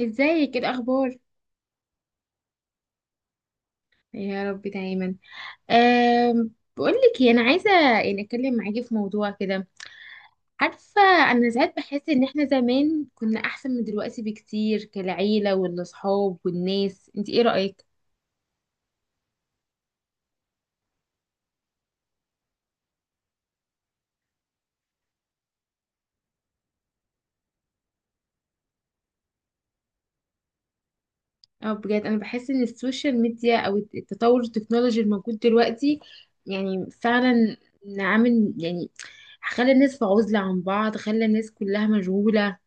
ازيك؟ ايه الاخبار؟ يا رب دايما. أم بقول لك إيه، انا عايزه يعني اتكلم معاكي في موضوع كده. عارفه، انا ساعات بحس ان احنا زمان كنا احسن من دلوقتي بكتير، كالعيله والاصحاب والناس. انت ايه رايك؟ اه بجد انا بحس ان السوشيال ميديا او التطور التكنولوجي الموجود دلوقتي، يعني فعلا عامل يعني خلى الناس في عزله عن بعض، خلى الناس كلها مشغوله.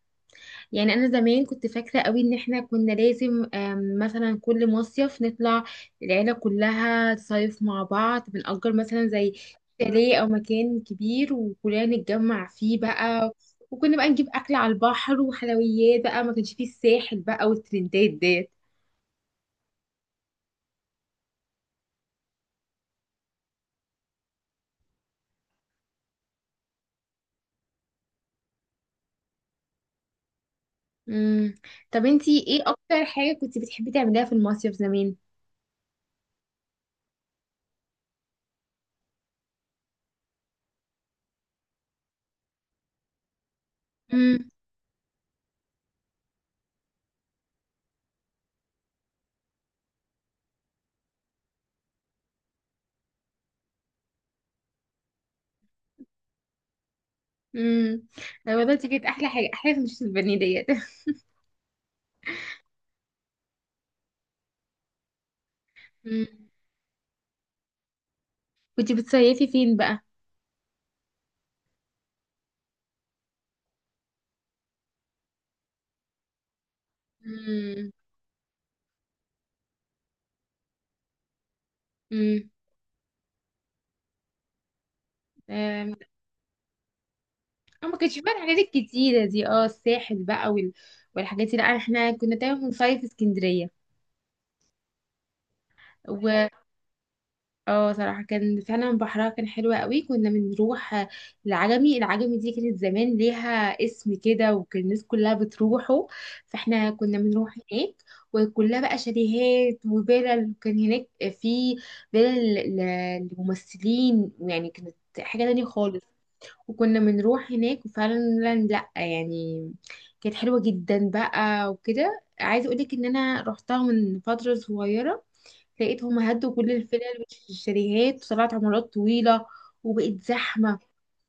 يعني انا زمان كنت فاكره قوي ان احنا كنا لازم مثلا كل مصيف نطلع، العيله كلها تصيف مع بعض، بنأجر مثلا زي شاليه او مكان كبير وكلنا نتجمع فيه بقى. وكنا بقى نجيب اكل على البحر وحلويات بقى، ما كانش فيه الساحل بقى والترندات ديت. امم. طب انتي ايه اكتر حاجه كنت بتحبي تعمليها في المصيف زمان؟ امم. امم. ايوه، ده كانت احلى حاجه، احلى حاجه مش البني ديت. مم. كنت بتصيفي فين بقى؟ امم. أم، أنا ما كانش فيها الحاجات الكتيرة دي، اه الساحل بقى والحاجات دي، لا احنا كنا دايما بنصيف في اسكندرية. و اه صراحة كان فعلا بحرها كان حلو قوي. كنا بنروح العجمي، العجمي دي كانت زمان ليها اسم كده وكان الناس كلها بتروحه، فاحنا كنا بنروح هناك. وكلها بقى شاليهات وفيلل، وكان هناك في فيلل لممثلين، يعني كانت حاجة تانية خالص. وكنا بنروح هناك وفعلا لا يعني كانت حلوة جدا بقى. وكده عايزة اقولك ان انا رحتها من فترة صغيرة، لقيتهم هدوا كل الفلل والشاليهات وطلعت عمارات طويلة وبقت زحمة،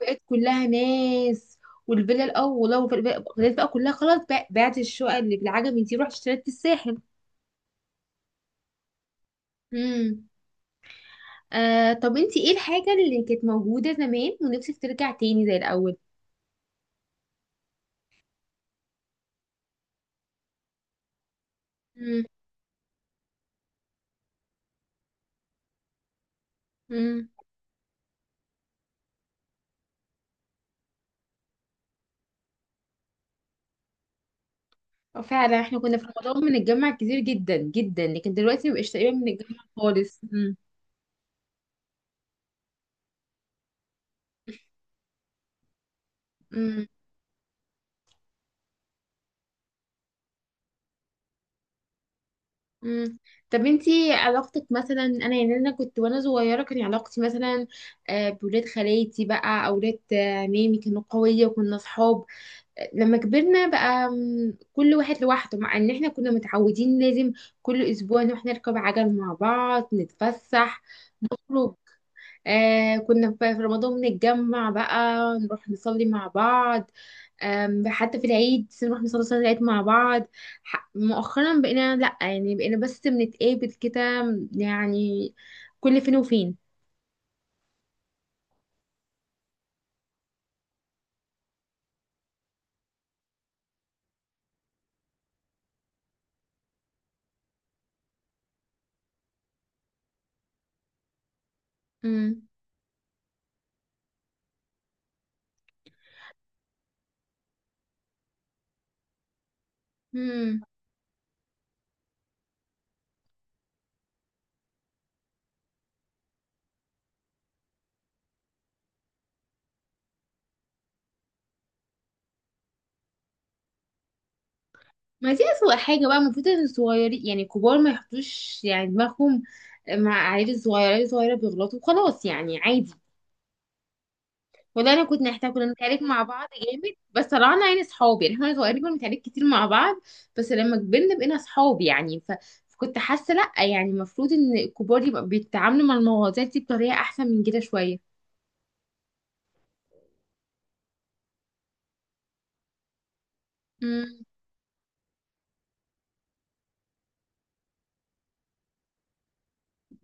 بقت كلها ناس. والفلل اه والله، والفلل بقى، الفلل بقى كلها خلاص بقى، بعت الشقق اللي بالعجمي دي، رحت اشتريت في الساحل. امم. آه طب انتي ايه الحاجة اللي كانت موجودة زمان ونفسك ترجع تاني زي الأول؟ امم. فعلا احنا كنا في رمضان بنتجمع كتير جدا جدا، لكن دلوقتي مبقاش تقريبا بنتجمع خالص. امم. امم. امم. طب انتي علاقتك مثلا، انا يعني انا كنت وانا صغيره كان علاقتي مثلا بولاد خالاتي بقى، او ولاد عمامي، كانوا قويه وكنا صحاب. لما كبرنا بقى كل واحد لوحده، مع ان احنا كنا متعودين لازم كل اسبوع نروح نركب عجل مع بعض، نتفسح، نخرج. آه كنا في رمضان بنتجمع بقى نروح نصلي مع بعض. حتى في العيد نروح نصلي صلاة العيد مع بعض. مؤخرا بقينا لأ، يعني بقينا بس بنتقابل كده يعني، كل فين وفين. امم. امم. ما دي أسوأ حاجة بقى. المفروض إن الصغيرين، يعني الكبار ما يحطوش يعني دماغهم مع العيال الصغيرة. العيال الصغيرة بيغلطوا وخلاص يعني عادي. والله انا كنت، احنا كنا بنتعارك مع بعض جامد بس طلعنا يعني صحاب. يعني احنا صغيرين كنا بنتعارك كتير مع بعض، بس لما كبرنا بقينا صحاب. يعني ف... فكنت حاسه لا يعني المفروض ان الكبار يبقى بيتعاملوا مع المواضيع دي بطريقه احسن من كده شويه. امم.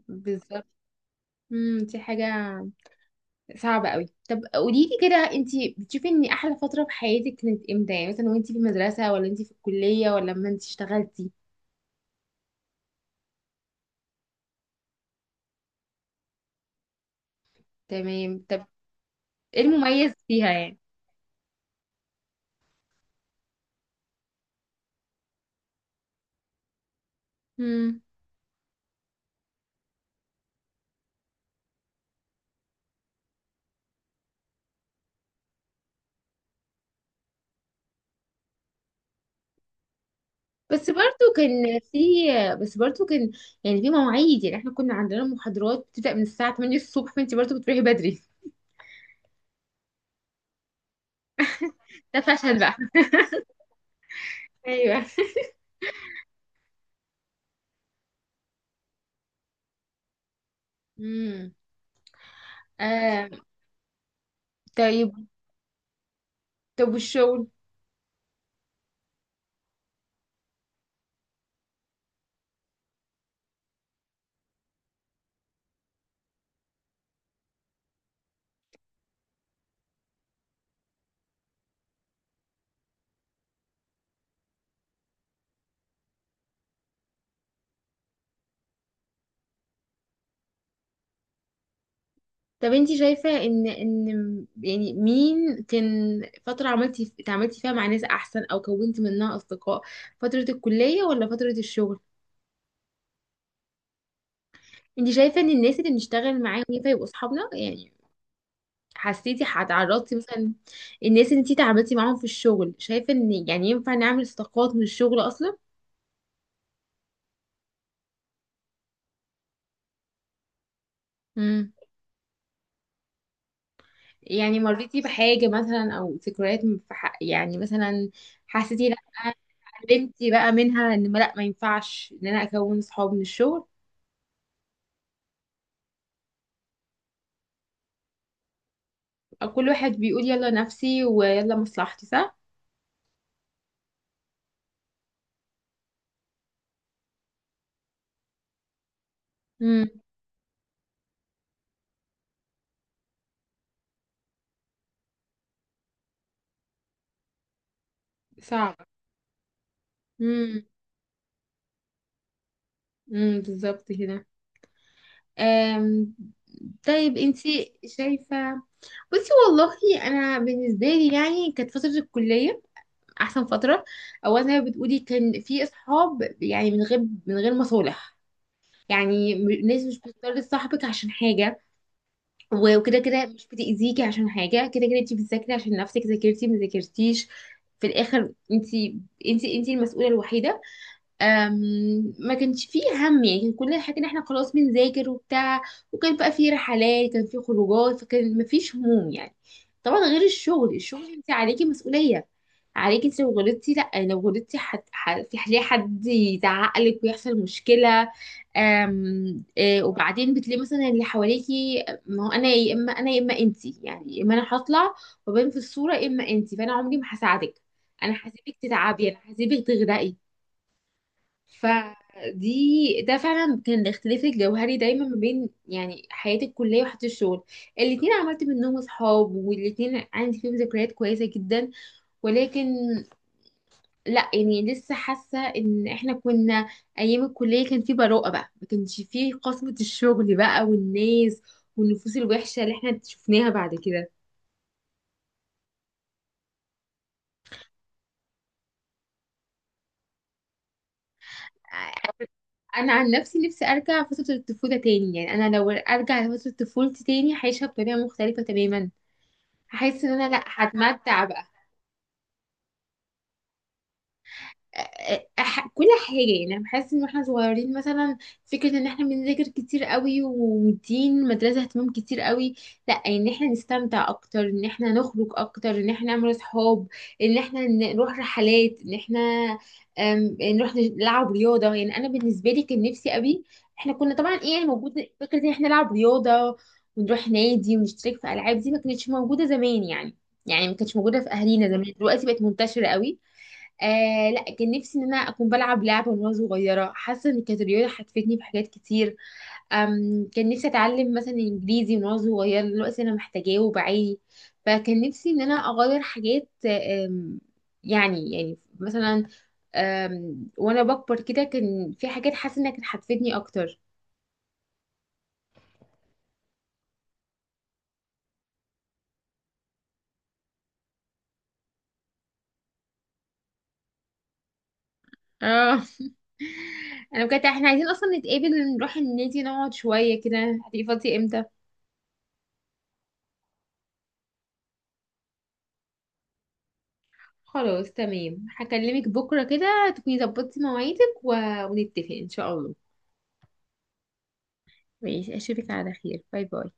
بالظبط. امم. دي حاجه صعبه قوي. طب قولي لي كده، انت بتشوفي ان احلى فتره في حياتك كانت امتى؟ يعني مثلا وانت في المدرسه، ولا انت في الكليه، ولا لما انت اشتغلتي؟ تمام. طب ايه المميز فيها؟ يعني بس برضو كان في، بس برضو كان يعني في مواعيد. يعني احنا كنا عندنا محاضرات بتبدأ من الساعة 8 الصبح، فانت برضو بتروحي بدري. ده فشل بقى. ايوه. امم. آه. طيب. طب والشغل؟ طب انت شايفة ان يعني مين كان فترة عملتي اتعاملتي فيها مع ناس احسن او كونتي منها اصدقاء؟ فترة الكلية ولا فترة الشغل؟ انت شايفة ان الناس اللي بنشتغل معاهم ينفع يبقوا اصحابنا؟ يعني حسيتي، هتعرضتي مثلا، الناس اللي انتي تعاملتي معاهم في الشغل، شايفه ان يعني ينفع نعمل صداقات من الشغل اصلا؟ امم. يعني مريتي بحاجه مثلا او ذكريات في حق يعني مثلا حسيتي لا، اتعلمتي بقى منها ان لا ما ينفعش ان انا اكون صحاب من الشغل؟ أو كل واحد بيقول يلا نفسي ويلا مصلحتي، صح؟ امم. صعب. امم. بالظبط كده. أم، طيب انتي شايفه، بصي والله، انا بالنسبه لي يعني كانت فتره الكليه احسن فتره. اولا زي ما بتقولي كان في اصحاب يعني من غير، من غير مصالح. يعني م- الناس مش بتضطر تصاحبك عشان حاجه، وكده كده مش بتاذيكي عشان حاجه، كده كده انت بتذاكري عشان نفسك. ذاكرتي ما ذاكرتيش في الاخر، انت، انت المسؤوله الوحيده. أم، ما كانش فيه هم يعني، كان كل الحاجة ان احنا خلاص بنذاكر وبتاع، وكان بقى فيه رحلات، كان فيه خروجات، فكان مفيش هموم يعني. طبعا غير الشغل، الشغل انت عليكي مسؤولية، عليكي انت. لو غلطتي لا، لو غلطتي حد في حد، حد يزعق لك ويحصل مشكلة. وبعدين بتلاقي مثلا اللي حواليكي ما هو انا، يا اما انا يا اما انت، يعني يا اما انا هطلع وبين في الصورة يا اما انت، فانا عمري ما هساعدك، انا هسيبك تتعبي، انا هسيبك تغرقي. فدي ده فعلا كان الاختلاف الجوهري دايما ما بين يعني حياتي الكليه وحياتي الشغل. الاتنين عملت منهم اصحاب، والاتنين عندي فيهم ذكريات كويسه جدا. ولكن لا يعني لسه حاسه ان احنا كنا ايام الكليه كان في براءه بقى، ما كانش في قسوه الشغل بقى والناس والنفوس الوحشه اللي احنا شفناها بعد كده. انا عن نفسي نفسي ارجع فتره الطفوله تاني. يعني انا لو ارجع لفتره طفولتي تاني هعيشها بطريقه مختلفه تماما، هحس ان انا لا هتمتع بقى. كل حاجة. يعني أنا بحس إن إحنا صغيرين مثلا، فكرة إن إحنا بنذاكر كتير قوي ومدين المدرسة اهتمام كتير قوي، لأ إن إحنا نستمتع أكتر، إن إحنا نخرج أكتر، إن إحنا نعمل أصحاب، إن إحنا نروح رحلات، إن إحنا نروح نلعب رياضة. يعني أنا بالنسبة لي كان نفسي قوي، إحنا كنا طبعا إيه يعني موجود فكرة إن إحنا نلعب رياضة ونروح نادي ونشترك في ألعاب. دي ما كانتش موجودة زمان يعني، يعني ما كانتش موجودة في أهالينا زمان، دلوقتي بقت منتشرة قوي. آه لا، كان نفسي ان انا اكون بلعب لعبه وانا صغيره. حاسه ان كانت الرياضه حفتني في حاجات كتير. كان نفسي اتعلم مثلا انجليزي وانا صغيره، دلوقتي انا محتاجاه وبعاني. فكان نفسي ان انا اغير حاجات. يعني يعني مثلا، وانا بكبر كده كان في حاجات حاسه انها كانت هتفيدني اكتر. اه انا بجد احنا عايزين اصلا نتقابل، نروح النادي نقعد شويه كده. هتبقي فاضيه امتى؟ خلاص تمام، هكلمك بكرة كده تكوني ظبطتي مواعيدك ونتفق إن شاء الله. ماشي، أشوفك على خير. باي باي.